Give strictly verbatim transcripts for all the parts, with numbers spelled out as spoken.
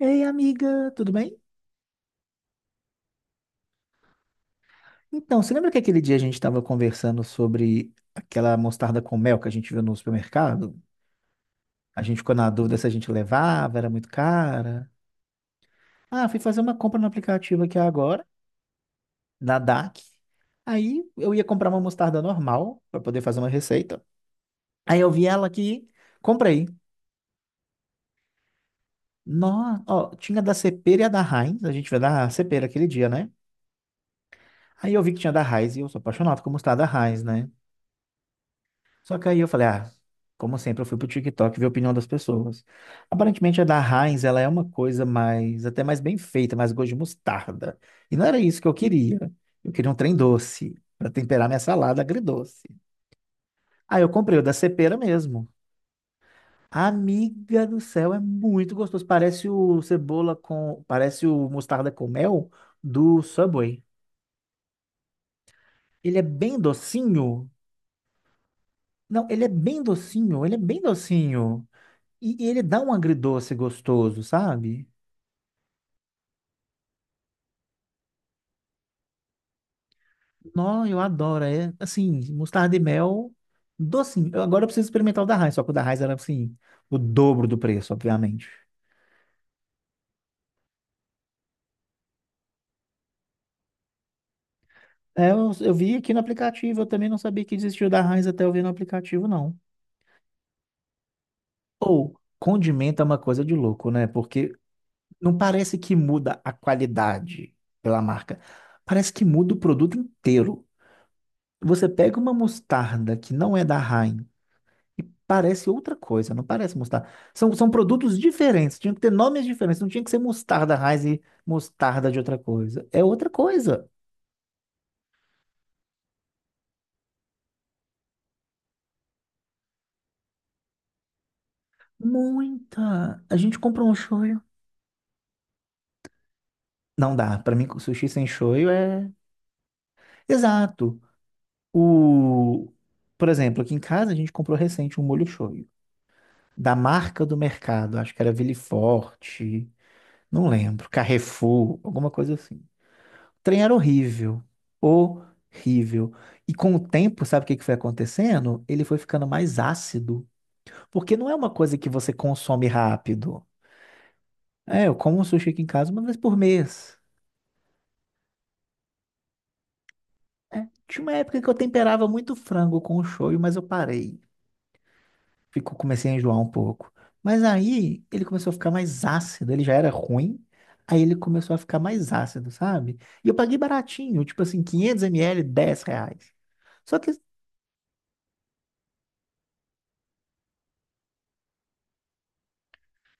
Ei, amiga, tudo bem? Então, você lembra que aquele dia a gente estava conversando sobre aquela mostarda com mel que a gente viu no supermercado? A gente ficou na dúvida se a gente levava, era muito cara. Ah, fui fazer uma compra no aplicativo aqui agora, na daque. Aí eu ia comprar uma mostarda normal para poder fazer uma receita. Aí eu vi ela aqui, comprei. Nossa, ó, tinha da Cepera e a da Heinz, a gente viu da Cepera aquele dia, né? Aí eu vi que tinha da Heinz e eu sou apaixonado com mostarda Heinz, né? Só que aí eu falei, ah, como sempre, eu fui pro TikTok ver a opinião das pessoas. Aparentemente a da Heinz, ela é uma coisa mais, até mais bem feita, mais gosto de mostarda. E não era isso que eu queria. Eu queria um trem doce, para temperar minha salada agridoce. Aí eu comprei o da Cepera mesmo. Amiga do céu, é muito gostoso. Parece o cebola com, parece o mostarda com mel do Subway. Ele é bem docinho. Não, ele é bem docinho, ele é bem docinho. E ele dá um agridoce gostoso, sabe? Não, eu adoro. É assim, mostarda e mel, docinho. Eu, agora eu preciso experimentar o da Heinz, só que o da Heinz era assim, o dobro do preço, obviamente. É, eu, eu vi aqui no aplicativo, eu também não sabia que existia o da Heinz até eu ver no aplicativo, não. Ou, condimento é uma coisa de louco, né? Porque não parece que muda a qualidade pela marca. Parece que muda o produto inteiro. Você pega uma mostarda que não é da Heinz e parece outra coisa, não parece mostarda. São, são produtos diferentes, tinham que ter nomes diferentes, não tinha que ser mostarda Heinz e mostarda de outra coisa. É outra coisa. Muita. A gente comprou um shoyu. Não dá, pra mim sushi sem shoyu é exato. O por exemplo, aqui em casa a gente comprou recente um molho shoyu da marca do mercado, acho que era Ville Forte, não lembro, Carrefour, alguma coisa assim. Trem era horrível. Horrível. E com o tempo, sabe o que que foi acontecendo? Ele foi ficando mais ácido. Porque não é uma coisa que você consome rápido. É, eu como sushi aqui em casa uma vez por mês. Tinha uma época que eu temperava muito frango com o shoyu, mas eu parei. Fico, comecei a enjoar um pouco. Mas aí ele começou a ficar mais ácido. Ele já era ruim. Aí ele começou a ficar mais ácido, sabe? E eu paguei baratinho, tipo assim, quinhentos ml, dez reais. Só que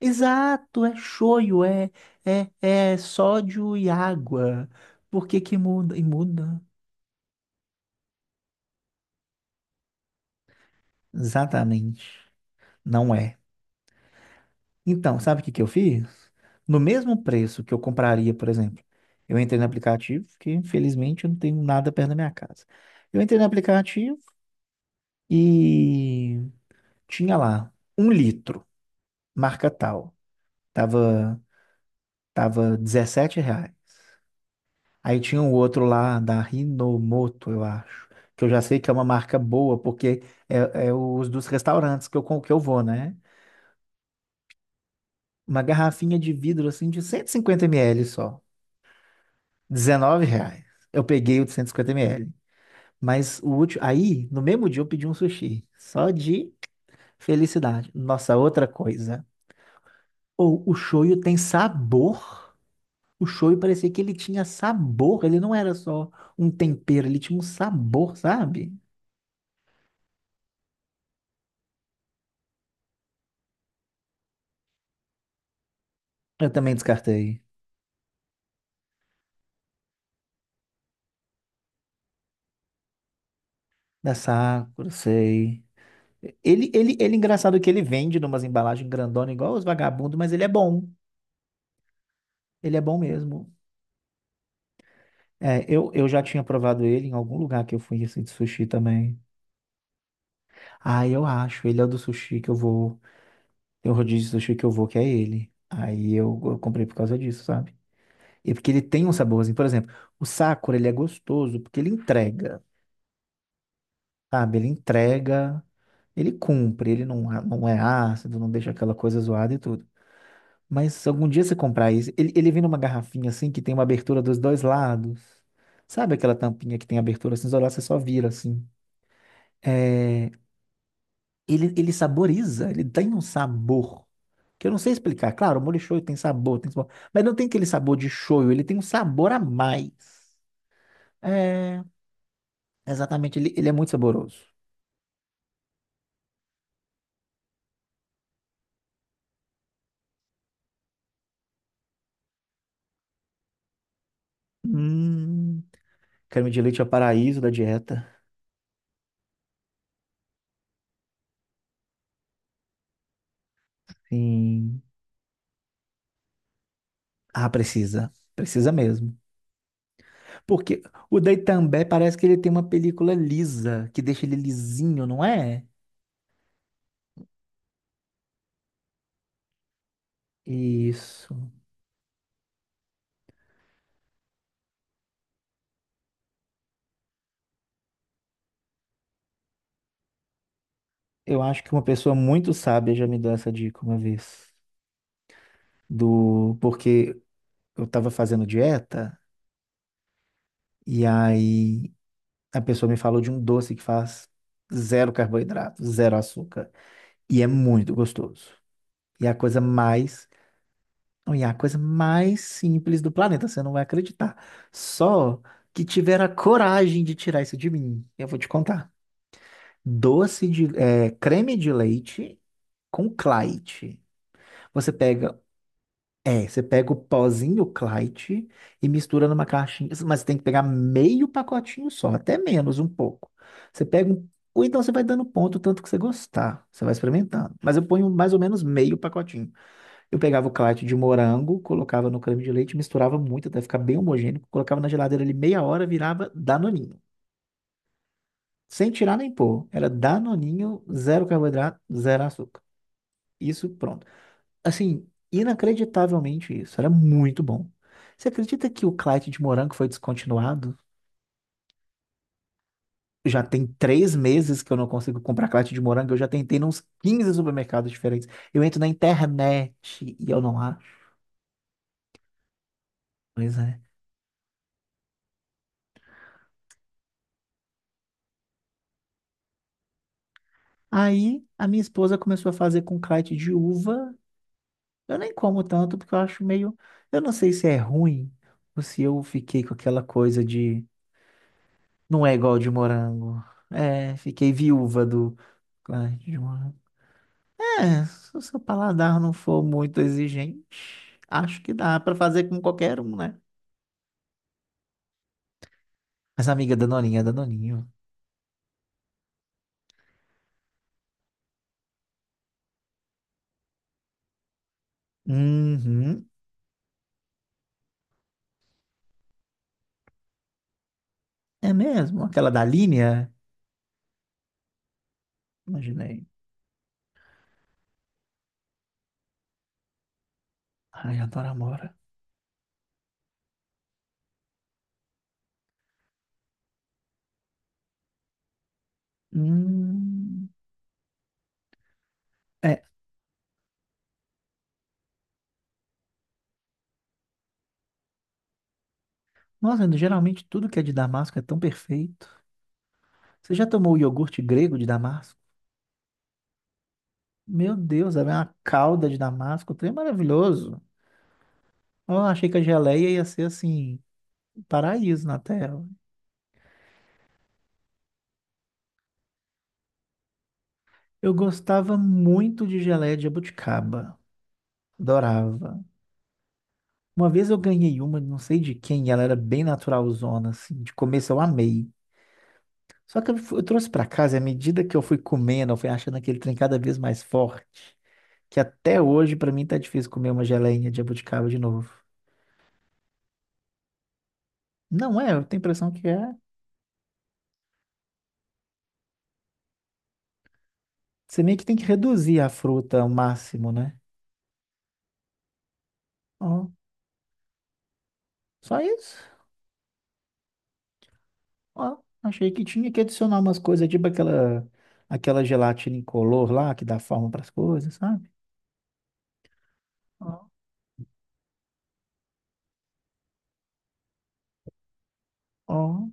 exato, é shoyu, é, é, é sódio e água. Por que que muda? E muda? Exatamente. Não é. Então, sabe o que que eu fiz? No mesmo preço que eu compraria, por exemplo, eu entrei no aplicativo, que infelizmente eu não tenho nada perto da minha casa. Eu entrei no aplicativo e tinha lá um litro, marca tal. Tava, tava R$ reais. Aí tinha um outro lá da Rinomoto, eu acho, que eu já sei que é uma marca boa, porque é, é os dos restaurantes que eu, com- que eu vou, né? Uma garrafinha de vidro assim de cento e cinquenta ml só, dezenove reais. Eu peguei o de cento e cinquenta ml. Mas o último, aí no mesmo dia eu pedi um sushi, só de felicidade. Nossa, outra coisa. Ou o shoyu tem sabor. O shoyu parecia que ele tinha sabor, ele não era só um tempero, ele tinha um sabor, sabe? Eu também descartei. Da Sakura, sei. Ele, ele, ele, engraçado que ele vende numas embalagens grandona igual os vagabundos, mas ele é bom. Ele é bom mesmo. É, eu, eu já tinha provado ele em algum lugar que eu fui assim, de sushi também. Ah, eu acho. Ele é o do sushi que eu vou. Tem um rodízio de sushi que eu vou, que é ele. Aí eu, eu comprei por causa disso, sabe? E porque ele tem um saborzinho. Por exemplo, o Sakura, ele é gostoso porque ele entrega, sabe? Ele entrega, ele cumpre, ele não, não é ácido, não deixa aquela coisa zoada e tudo. Mas algum dia você comprar isso, ele, ele vem numa garrafinha assim que tem uma abertura dos dois lados. Sabe aquela tampinha que tem abertura assim, isolar, você só vira assim. É, ele, ele saboriza, ele tem um sabor. Que eu não sei explicar. Claro, o molho shoyu tem sabor, tem sabor. Mas não tem aquele sabor de shoyu, ele tem um sabor a mais. É, exatamente, ele, ele é muito saboroso. Hum, creme de leite é o paraíso da dieta. Sim. Ah, precisa. Precisa mesmo. Porque o Dei também parece que ele tem uma película lisa, que deixa ele lisinho, não é? Isso. Eu acho que uma pessoa muito sábia já me deu essa dica uma vez. Do porque eu tava fazendo dieta e aí a pessoa me falou de um doce que faz zero carboidrato, zero açúcar e é muito gostoso. E é a coisa mais, não, e é a coisa mais simples do planeta, você não vai acreditar. Só que tiveram a coragem de tirar isso de mim. Eu vou te contar. Doce de, é, creme de leite com Clyde. Você pega, é, você pega o pozinho Clyde e mistura numa caixinha, mas você tem que pegar meio pacotinho só, até menos um pouco. Você pega um, ou então você vai dando ponto o tanto que você gostar, você vai experimentando. Mas eu ponho mais ou menos meio pacotinho. Eu pegava o Clyde de morango, colocava no creme de leite, misturava muito até ficar bem homogêneo, colocava na geladeira ali meia hora, virava danoninho. Sem tirar nem pôr. Era danoninho, zero carboidrato, zero açúcar. Isso, pronto. Assim, inacreditavelmente isso. Era muito bom. Você acredita que o Clyde de morango foi descontinuado? Já tem três meses que eu não consigo comprar Clyde de morango. Eu já tentei nos quinze supermercados diferentes. Eu entro na internet e eu não acho. Pois é. Aí a minha esposa começou a fazer com Clyde de uva. Eu nem como tanto porque eu acho meio. Eu não sei se é ruim ou se eu fiquei com aquela coisa de. Não é igual de morango. É, fiquei viúva do. Clyde de morango. É, se o seu paladar não for muito exigente, acho que dá pra fazer com qualquer um, né? Mas amiga Danoninha, Danoninho. Uhum, é mesmo? Aquela da linha? Imaginei. Ai, adoro Amora. Hum, é. Nossa, geralmente tudo que é de Damasco é tão perfeito. Você já tomou o iogurte grego de Damasco? Meu Deus, é uma calda de Damasco, o trem é maravilhoso. Eu achei que a geleia ia ser assim, um paraíso na Terra. Eu gostava muito de geleia de jabuticaba. Adorava. Uma vez eu ganhei uma, não sei de quem, e ela era bem naturalzona, assim. De começo eu amei. Só que eu, fu- eu trouxe pra casa, e à medida que eu fui comendo, eu fui achando aquele trem cada vez mais forte. Que até hoje, pra mim, tá difícil comer uma geleinha de jabuticaba de novo. Não é, eu tenho a impressão que é. Você meio que tem que reduzir a fruta ao máximo, né? Ó, só isso. Ó, achei que tinha que adicionar umas coisas, tipo aquela, aquela gelatina incolor lá, que dá forma para as coisas, sabe? Ó, ó.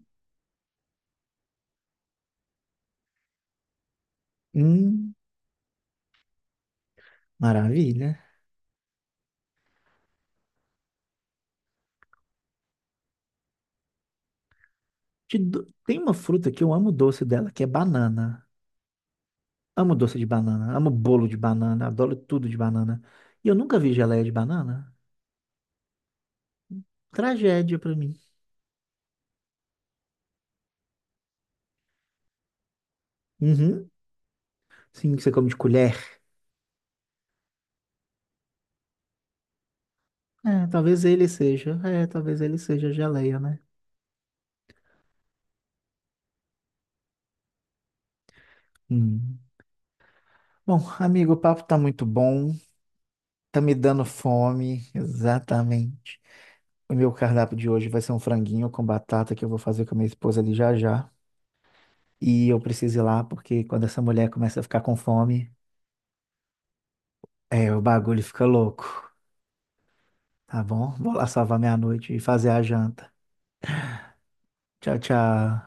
Hum, maravilha. Te dou- Tem uma fruta que eu amo o doce dela, que é banana. Amo doce de banana, amo bolo de banana, adoro tudo de banana. E eu nunca vi geleia de banana. Tragédia pra mim. Uhum. Sim, que você come de colher. É, talvez ele seja. É, talvez ele seja geleia, né? Hum. Bom, amigo, o papo tá muito bom. Tá me dando fome, exatamente. O meu cardápio de hoje vai ser um franguinho com batata que eu vou fazer com a minha esposa ali já já. E eu preciso ir lá porque quando essa mulher começa a ficar com fome, é, o bagulho fica louco, tá bom? Vou lá salvar minha noite e fazer a janta. Tchau, tchau.